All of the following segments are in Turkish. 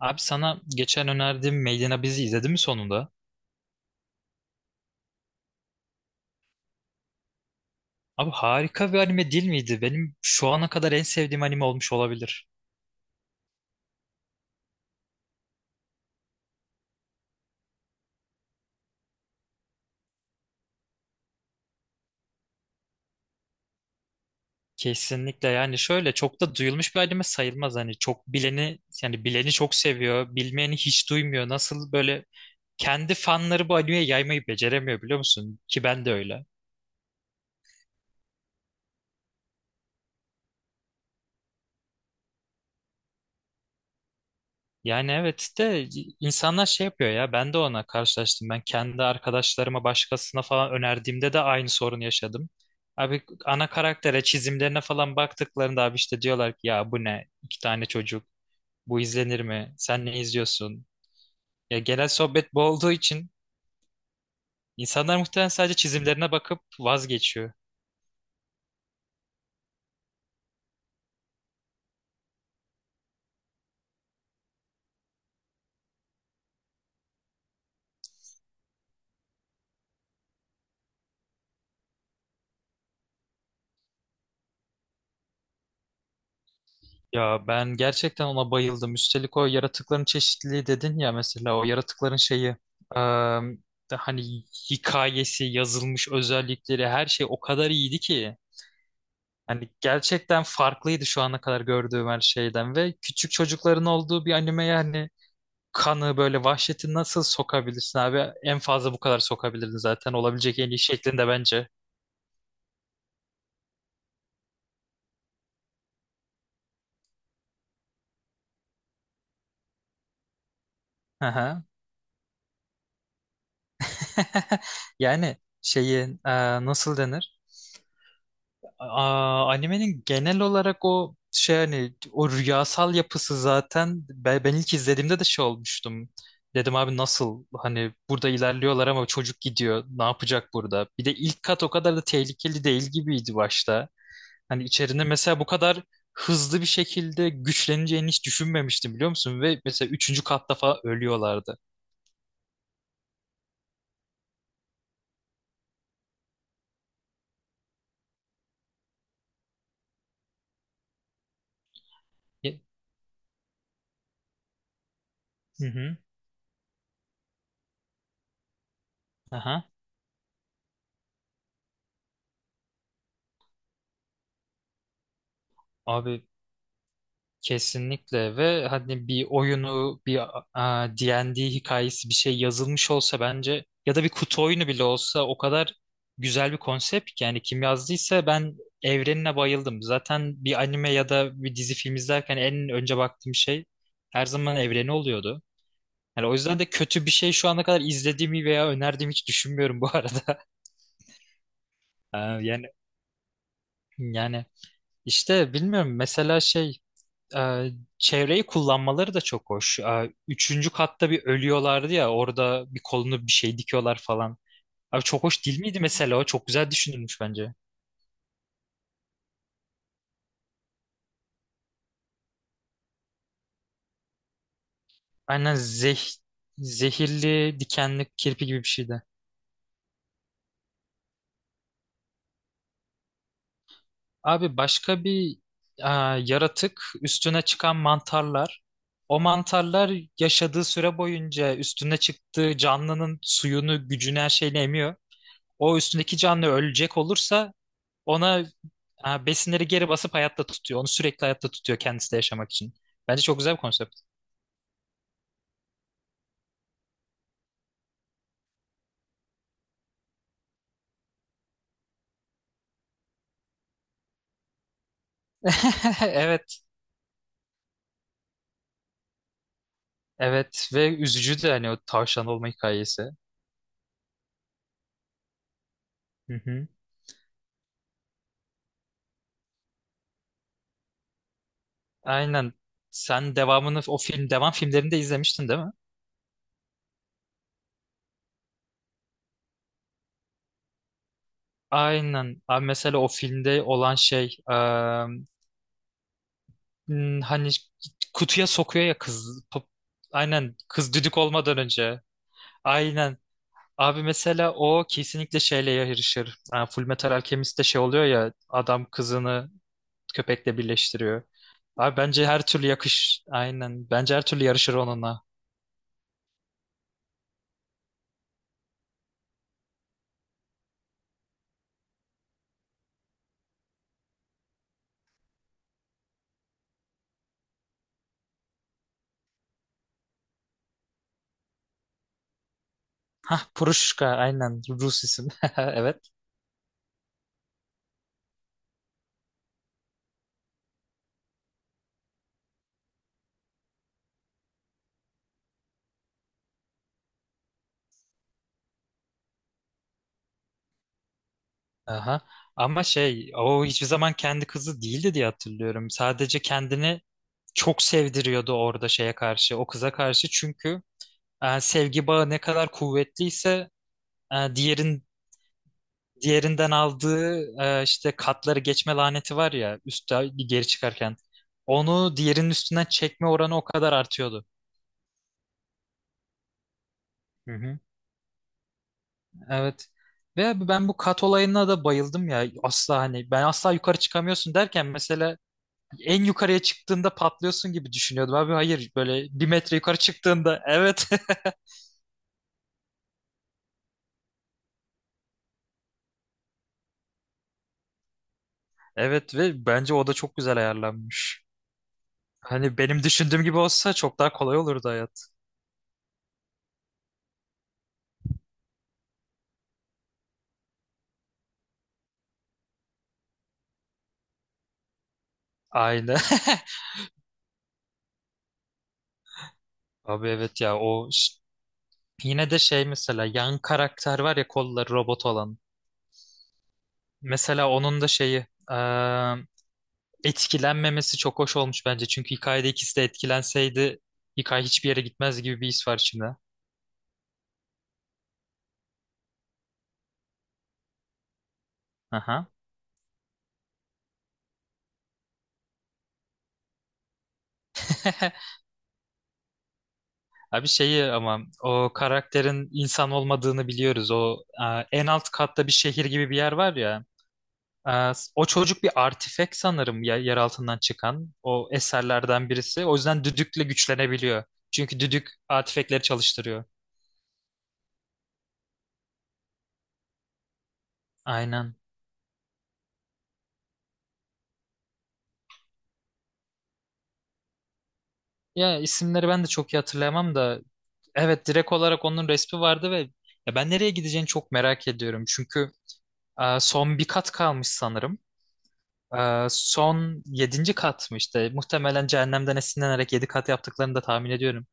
Abi sana geçen önerdiğim Made bizi izledin mi sonunda? Abi harika bir anime değil miydi? Benim şu ana kadar en sevdiğim anime olmuş olabilir. Kesinlikle yani şöyle çok da duyulmuş bir anime sayılmaz. Hani çok bileni yani bileni çok seviyor, bilmeyeni hiç duymuyor. Nasıl böyle kendi fanları bu animeyi yaymayı beceremiyor biliyor musun? Ki ben de öyle. Yani evet de insanlar şey yapıyor ya ben de ona karşılaştım. Ben kendi arkadaşlarıma başkasına falan önerdiğimde de aynı sorunu yaşadım. Abi ana karaktere çizimlerine falan baktıklarında abi işte diyorlar ki ya bu ne iki tane çocuk bu izlenir mi sen ne izliyorsun? Ya genel sohbet bu olduğu için insanlar muhtemelen sadece çizimlerine bakıp vazgeçiyor. Ya ben gerçekten ona bayıldım. Üstelik o yaratıkların çeşitliliği dedin ya mesela o yaratıkların şeyi, hani hikayesi, yazılmış özellikleri her şey o kadar iyiydi ki. Hani gerçekten farklıydı şu ana kadar gördüğüm her şeyden ve küçük çocukların olduğu bir anime yani kanı böyle vahşeti nasıl sokabilirsin abi? En fazla bu kadar sokabilirdin zaten olabilecek en iyi şeklinde bence. Hı hı. Yani şeyi, nasıl denir? Animenin genel olarak o şey hani o rüyasal yapısı zaten ben ilk izlediğimde de şey olmuştum. Dedim abi nasıl hani burada ilerliyorlar ama çocuk gidiyor ne yapacak burada? Bir de ilk kat o kadar da tehlikeli değil gibiydi başta. Hani içerinde mesela bu kadar hızlı bir şekilde güçleneceğini hiç düşünmemiştim biliyor musun? Ve mesela üçüncü katta falan ölüyorlardı. Ye- Hı hı. Aha. Abi kesinlikle ve hani bir oyunu bir D&D hikayesi bir şey yazılmış olsa bence ya da bir kutu oyunu bile olsa o kadar güzel bir konsept ki yani kim yazdıysa ben evrenine bayıldım. Zaten bir anime ya da bir dizi film izlerken en önce baktığım şey her zaman evreni oluyordu. Yani o yüzden de kötü bir şey şu ana kadar izlediğimi veya önerdiğimi hiç düşünmüyorum bu arada. Aa, Yani yani işte bilmiyorum mesela şey e, çevreyi kullanmaları da çok hoş. Üçüncü katta bir ölüyorlardı ya orada bir kolunu bir şey dikiyorlar falan. Abi çok hoş değil miydi mesela o? Çok güzel düşünülmüş bence. Aynen zehirli dikenli kirpi gibi bir şeydi. Abi başka bir e, yaratık üstüne çıkan mantarlar. O mantarlar yaşadığı süre boyunca üstüne çıktığı canlının suyunu, gücünü her şeyini emiyor. O üstündeki canlı ölecek olursa ona besinleri geri basıp hayatta tutuyor. Onu sürekli hayatta tutuyor kendisi de yaşamak için. Bence çok güzel bir konsept. Evet, evet ve üzücü de hani o tavşan olma hikayesi. Hı hı. Aynen. Sen devamını o film devam filmlerini de izlemiştin değil mi? Aynen. Abi mesela o filmde olan şey, hani kutuya sokuyor ya kız. Aynen kız düdük olmadan önce. Aynen. Abi mesela o kesinlikle şeyle yarışır. Yani Full Metal Alchemist'te şey oluyor ya adam kızını köpekle birleştiriyor. Abi bence her türlü yakış aynen. Bence her türlü yarışır onunla. Puruşka aynen Rus isim. Evet. Aha. Ama şey o hiçbir zaman kendi kızı değildi diye hatırlıyorum. Sadece kendini çok sevdiriyordu orada şeye karşı, o kıza karşı. Çünkü sevgi bağı ne kadar kuvvetliyse e, diğerin Diğerinden aldığı, işte katları geçme laneti var ya üstte geri çıkarken. Onu diğerinin üstünden çekme oranı o kadar artıyordu. Hı hı. Evet. Ve abi ben bu kat olayına da bayıldım ya. Asla hani ben asla yukarı çıkamıyorsun derken mesela en yukarıya çıktığında patlıyorsun gibi düşünüyordum abi. Hayır böyle bir metre yukarı çıktığında evet. Evet ve bence o da çok güzel ayarlanmış. Hani benim düşündüğüm gibi olsa çok daha kolay olurdu hayat. Aynen. Abi evet ya o. Yine de şey mesela yan karakter var ya kolları robot olan. Mesela onun da şeyi etkilenmemesi çok hoş olmuş bence. Çünkü hikayede ikisi de etkilenseydi hikaye hiçbir yere gitmez gibi bir his var şimdi. Aha. Abi şeyi ama o karakterin insan olmadığını biliyoruz. O en alt katta bir şehir gibi bir yer var ya. O çocuk bir artifek sanırım ya, yer altından çıkan o eserlerden birisi. O yüzden düdükle güçlenebiliyor. Çünkü düdük artifekleri çalıştırıyor. Aynen. Ya isimleri ben de çok iyi hatırlayamam da evet direkt olarak onun resmi vardı ve ya ben nereye gideceğini çok merak ediyorum. Çünkü son bir kat kalmış sanırım. Son yedinci kat mı işte muhtemelen cehennemden esinlenerek yedi kat yaptıklarını da tahmin ediyorum.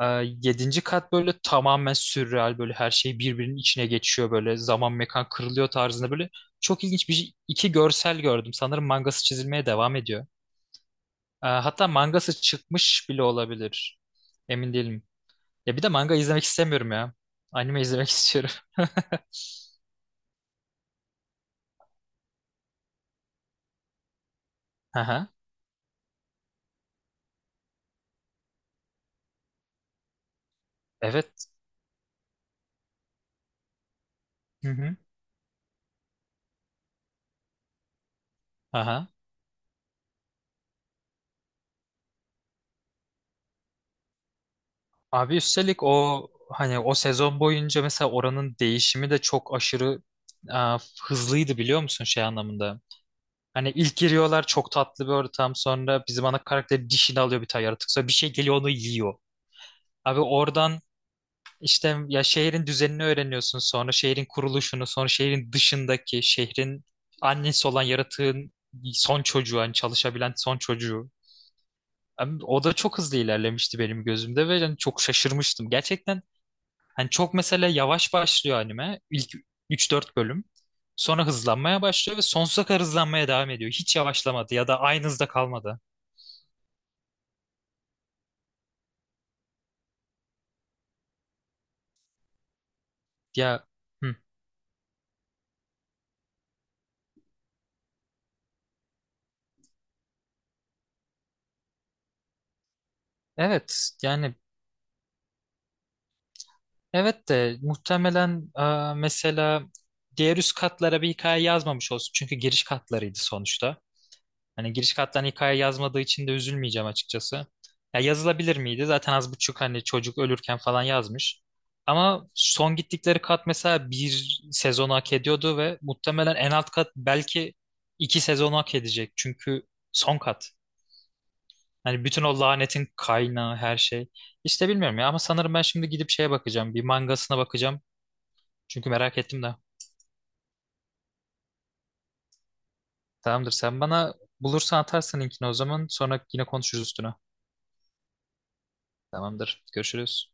E, yedinci kat böyle tamamen sürreal böyle her şey birbirinin içine geçiyor böyle zaman mekan kırılıyor tarzında böyle çok ilginç bir iki görsel gördüm. Sanırım mangası çizilmeye devam ediyor. Hatta mangası çıkmış bile olabilir. Emin değilim. Ya bir de manga izlemek istemiyorum ya. Anime izlemek istiyorum. Aha. Evet. Hı hı. Aha. Abi üstelik o hani o sezon boyunca mesela oranın değişimi de çok aşırı e, hızlıydı biliyor musun şey anlamında. Hani ilk giriyorlar çok tatlı bir ortam sonra bizim ana karakter dişini alıyor bir tane yaratık sonra bir şey geliyor onu yiyor. Abi oradan İşte ya şehrin düzenini öğreniyorsun sonra şehrin kuruluşunu sonra şehrin dışındaki şehrin annesi olan yaratığın son çocuğu hani çalışabilen son çocuğu. Hem o da çok hızlı ilerlemişti benim gözümde ve yani çok şaşırmıştım. Gerçekten hani çok mesela yavaş başlıyor anime ilk üç dört bölüm. Sonra hızlanmaya başlıyor ve sonsuza kadar hızlanmaya devam ediyor. Hiç yavaşlamadı ya da aynı hızda kalmadı. Ya hı. Evet yani. Evet de muhtemelen mesela diğer üst katlara bir hikaye yazmamış olsun. Çünkü giriş katlarıydı sonuçta. Hani giriş katlarına hikaye yazmadığı için de üzülmeyeceğim açıkçası. Ya yazılabilir miydi? Zaten az buçuk hani çocuk ölürken falan yazmış. Ama son gittikleri kat mesela bir sezonu hak ediyordu ve muhtemelen en alt kat belki iki sezonu hak edecek. Çünkü son kat. Hani bütün o lanetin kaynağı her şey. İşte bilmiyorum ya ama sanırım ben şimdi gidip şeye bakacağım. Bir mangasına bakacağım. Çünkü merak ettim de. Tamamdır. Sen bana bulursan atarsın linkini o zaman. Sonra yine konuşuruz üstüne. Tamamdır. Görüşürüz.